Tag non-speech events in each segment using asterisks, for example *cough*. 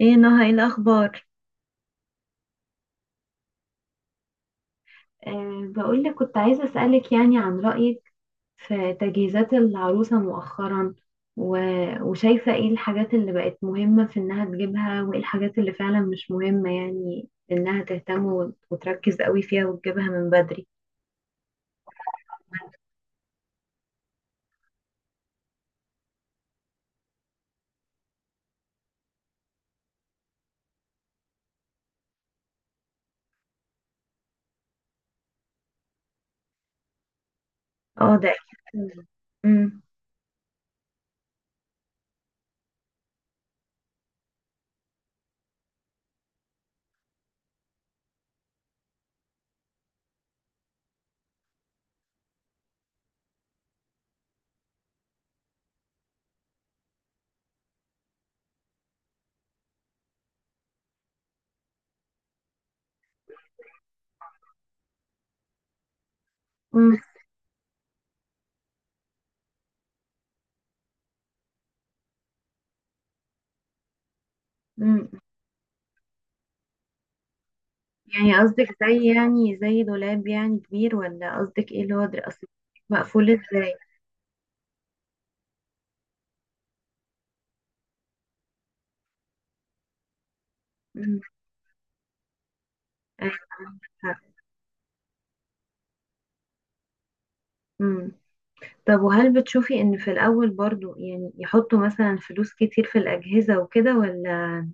ايه نهى، ايه الاخبار؟ بقول لك كنت عايزة أسألك يعني عن رأيك في تجهيزات العروسة مؤخرا. و... وشايفة ايه الحاجات اللي بقت مهمة في انها تجيبها، وايه الحاجات اللي فعلا مش مهمة، يعني انها تهتم وتركز قوي فيها وتجيبها من بدري. اه، ده أكيد. مم. مم. مم. يعني قصدك زي، يعني زي دولاب يعني كبير، ولا قصدك ايه اصل؟ مقفول ازاي؟ امم ايوه، عندك حق. مم. طب، وهل بتشوفي ان في الاول برضو يعني يحطوا مثلا فلوس كتير في الاجهزة وكده، ولا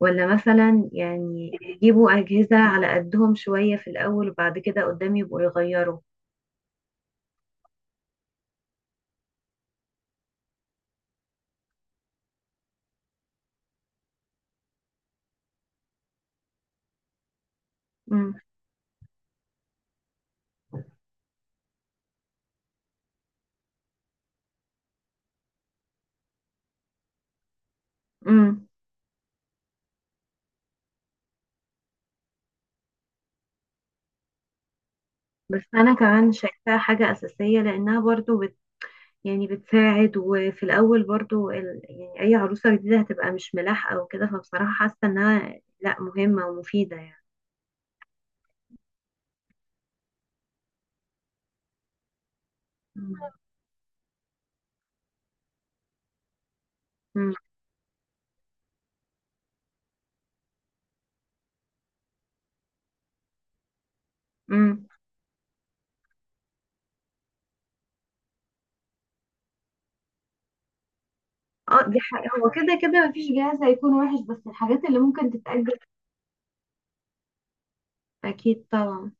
ولا مثلا يعني يجيبوا اجهزة على قدهم شوية في الاول وبعد كده قدام يبقوا يغيروا؟ امم امم. بس انا كمان شايفاها حاجة اساسية لانها برضو يعني بتساعد. وفي الاول برضو يعني اي عروسة جديدة هتبقى مش ملاحقة وكده، فبصراحة حاسة انها لا، مهمة ومفيدة يعني. امم امم. اه دي حقيقة، هو كده كده مفيش جهاز هيكون وحش، بس الحاجات اللي ممكن تتأجل. أكيد طبعا.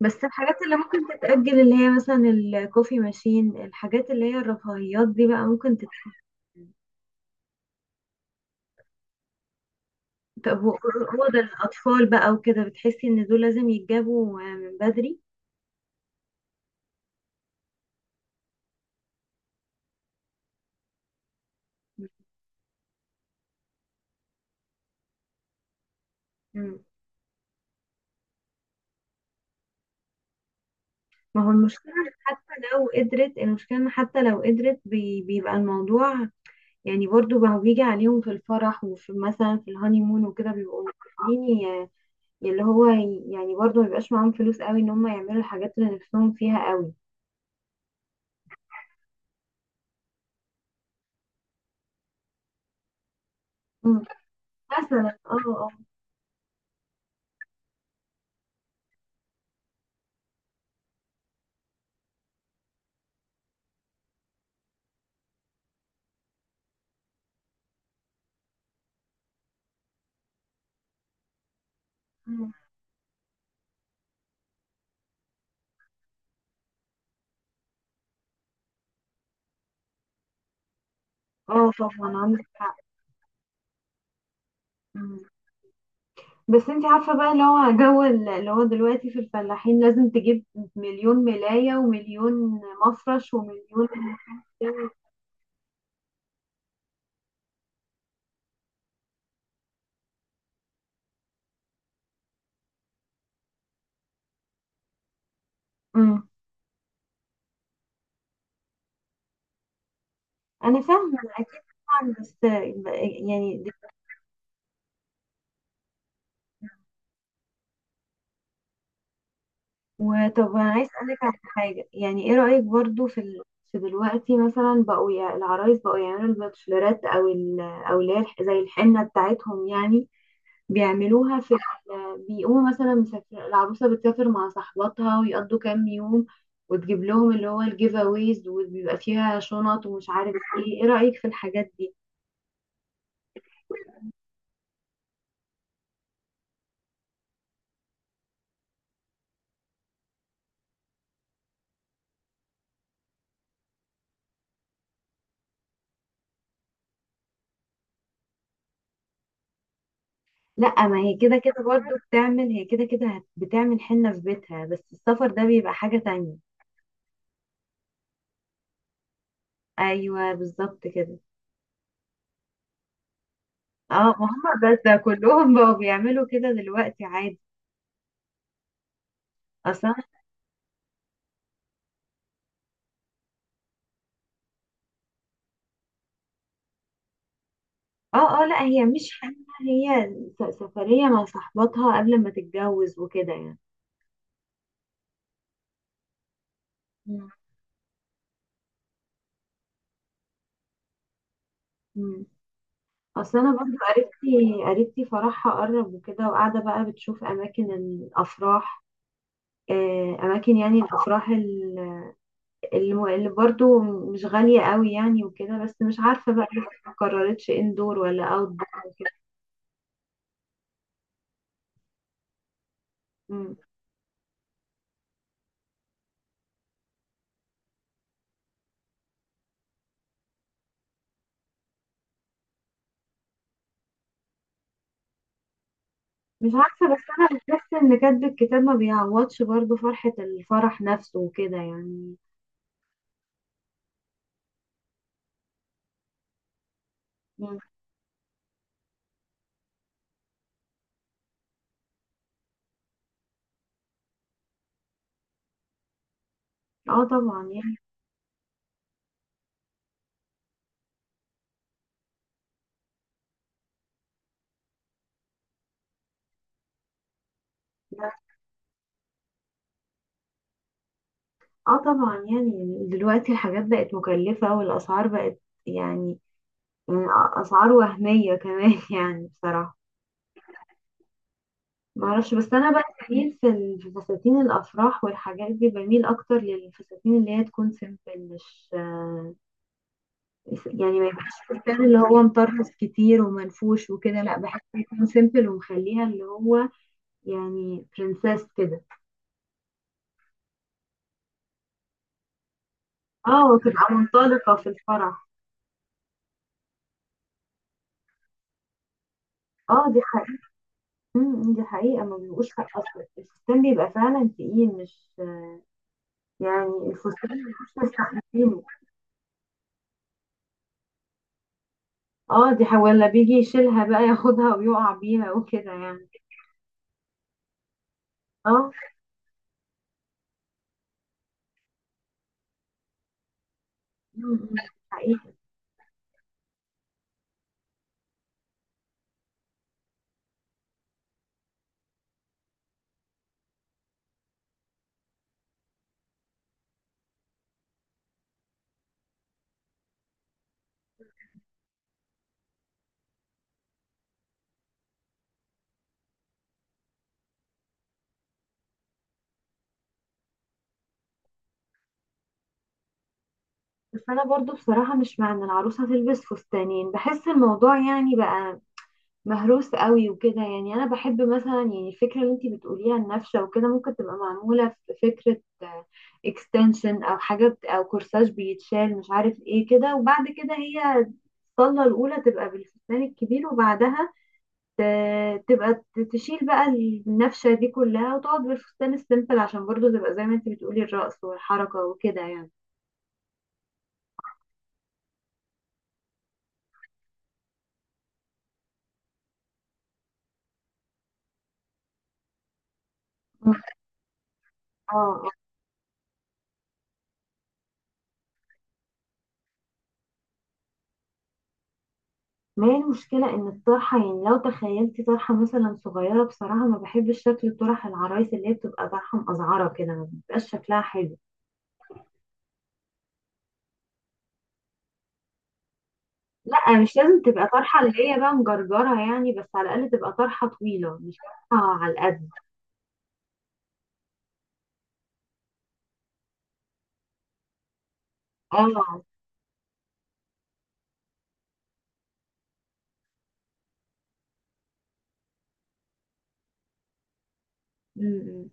بس الحاجات اللي ممكن تتأجل اللي هي مثلا الكوفي ماشين، الحاجات اللي هي الرفاهيات دي بقى ممكن تتأجل. طب هو ده الأطفال بقى وكده، بتحسي إن دول لازم يتجابوا من بدري؟ مم. ما هو المشكلة إن حتى لو قدرت، المشكلة إن حتى لو قدرت بيبقى الموضوع يعني برضو بقى بيجي عليهم في الفرح، وفي مثلا في الهانيمون وكده، بيبقوا عاملين يعني برضه مبيبقاش معاهم فلوس قوي ان هم يعملوا الحاجات اللي نفسهم فيها قوي. مم. مثلا، اه اه. مم. اه طبعا، عندك حق. مم. بس انت عارفة بقى اللي هو دلوقتي في الفلاحين لازم تجيب مليون ملاية، ومليون مفرش، ومليون. مم. انا فاهمة اكيد، طبعا. بس يعني. وطب انا عايز اسالك على حاجه، يعني ايه رايك برضو في دلوقتي مثلا بقوا العرايس بقوا يعملوا الباتشلرات او اللي زي الحنه بتاعتهم يعني، بيعملوها بيقوموا مثلا، مسافر، العروسه بتسافر مع صاحباتها ويقضوا كام يوم، وتجيب لهم اللي هو الجيف اويز، وبيبقى فيها شنط ومش عارف ايه. ايه رايك في الحاجات دي؟ لا، ما هي كده كده برضو بتعمل، هي كده كده بتعمل حنه في بيتها، بس السفر ده بيبقى حاجه تانية. ايوه بالظبط كده. اه، ما هم بس كلهم بقوا بيعملوا كده دلوقتي عادي، اصلا. اه اه، لا، هي مش حاجة. هي سفرية مع صاحباتها قبل ما تتجوز وكده يعني. مم. مم. اصل انا برضو قريبتي فرحها قرب وكده، وقاعدة بقى بتشوف اماكن الافراح. اماكن يعني الافراح اللي برضو مش غالية قوي يعني وكده. بس مش عارفة بقى، لسه ما قررتش اندور ولا اوت دور وكده. مش عارفة. بس أنا بحس إن كتب الكتاب ما بيعوضش برضو فرحة الفرح نفسه وكده يعني. مم. اه طبعا يعني. ده- اه طبعا يعني دلوقتي الحاجات بقت مكلفة، والأسعار بقت يعني من أسعار وهمية كمان *laughs* يعني بصراحة. معرفش. بس أنا بقى بميل في فساتين الأفراح والحاجات دي، بميل أكتر للفساتين اللي هي تكون سيمبل، مش يعني ما يبقاش فستان اللي هو مطرز كتير ومنفوش وكده، لأ بحس يكون سيمبل، ومخليها اللي هو يعني برنسيس كده. اه، وتبقى منطلقة في الفرح. اه دي حقيقة. أمم، دي حقيقة. ما بيبقوش حق، أصلا الفستان بيبقى فعلا تقيل، مش يعني الفستان مش مستحملينه. اه دي حقيقة، ولا بيجي يشيلها بقى ياخدها ويقع بيها وكده يعني. اه. أمم، حقيقة. بس أنا برضو بصراحة مش مع إن العروسة تلبس فستانين، بحس الموضوع يعني بقى مهروس قوي وكده يعني. انا بحب مثلا يعني الفكره اللي انتي بتقوليها، النفشه وكده ممكن تبقى معموله في فكره اكستنشن، او او كورساج بيتشال مش عارف ايه كده، وبعد كده هي الصله الاولى تبقى بالفستان الكبير، وبعدها تبقى تشيل بقى النفشه دي كلها، وتقعد بالفستان السيمبل عشان برضو تبقى زي ما انتي بتقولي، الرقص والحركه وكده يعني. مم. اه، ما هي المشكلة إن الطرحة، يعني لو تخيلتي طرحة مثلا صغيرة، بصراحة ما بحبش شكل طرح العرايس اللي هي بتبقى طرحة مقزعرة كده، ما بيبقاش شكلها حلو. لا مش لازم تبقى طرحة اللي هي بقى مجرجرة يعني، بس على الأقل تبقى طرحة طويلة، مش طرحة على القد. اه. م-م.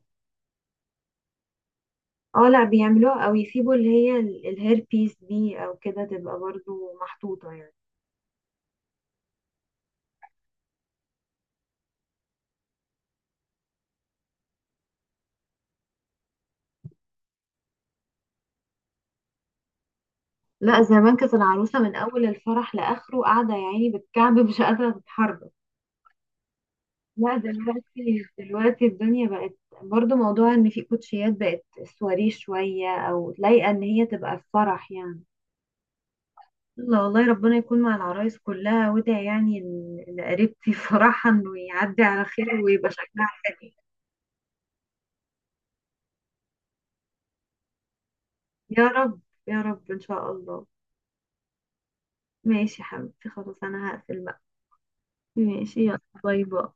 اه لا، بيعملوها، أو يسيبوا اللي هي الهير بيس دي أو كده، تبقى برضو محطوطة يعني. لا زمان كانت العروسة من أول الفرح لآخره قاعدة يعني بالكعب مش قادرة تتحرك. لا دلوقتي، الدنيا بقت برضو موضوع ان في كوتشيات بقت سواريه شوية، او لايقة ان هي تبقى في فرح يعني. الله، والله ربنا يكون مع العرايس كلها، وادعي يعني لقريبتي *laughs* فرحها انه يعدي *laughs* على خير ويبقى شكلها حلو. يا رب. يا رب ان شاء الله. ماشي يا حبيبتي، خلاص انا هقفل بقى. ماشي، يلا باي باي.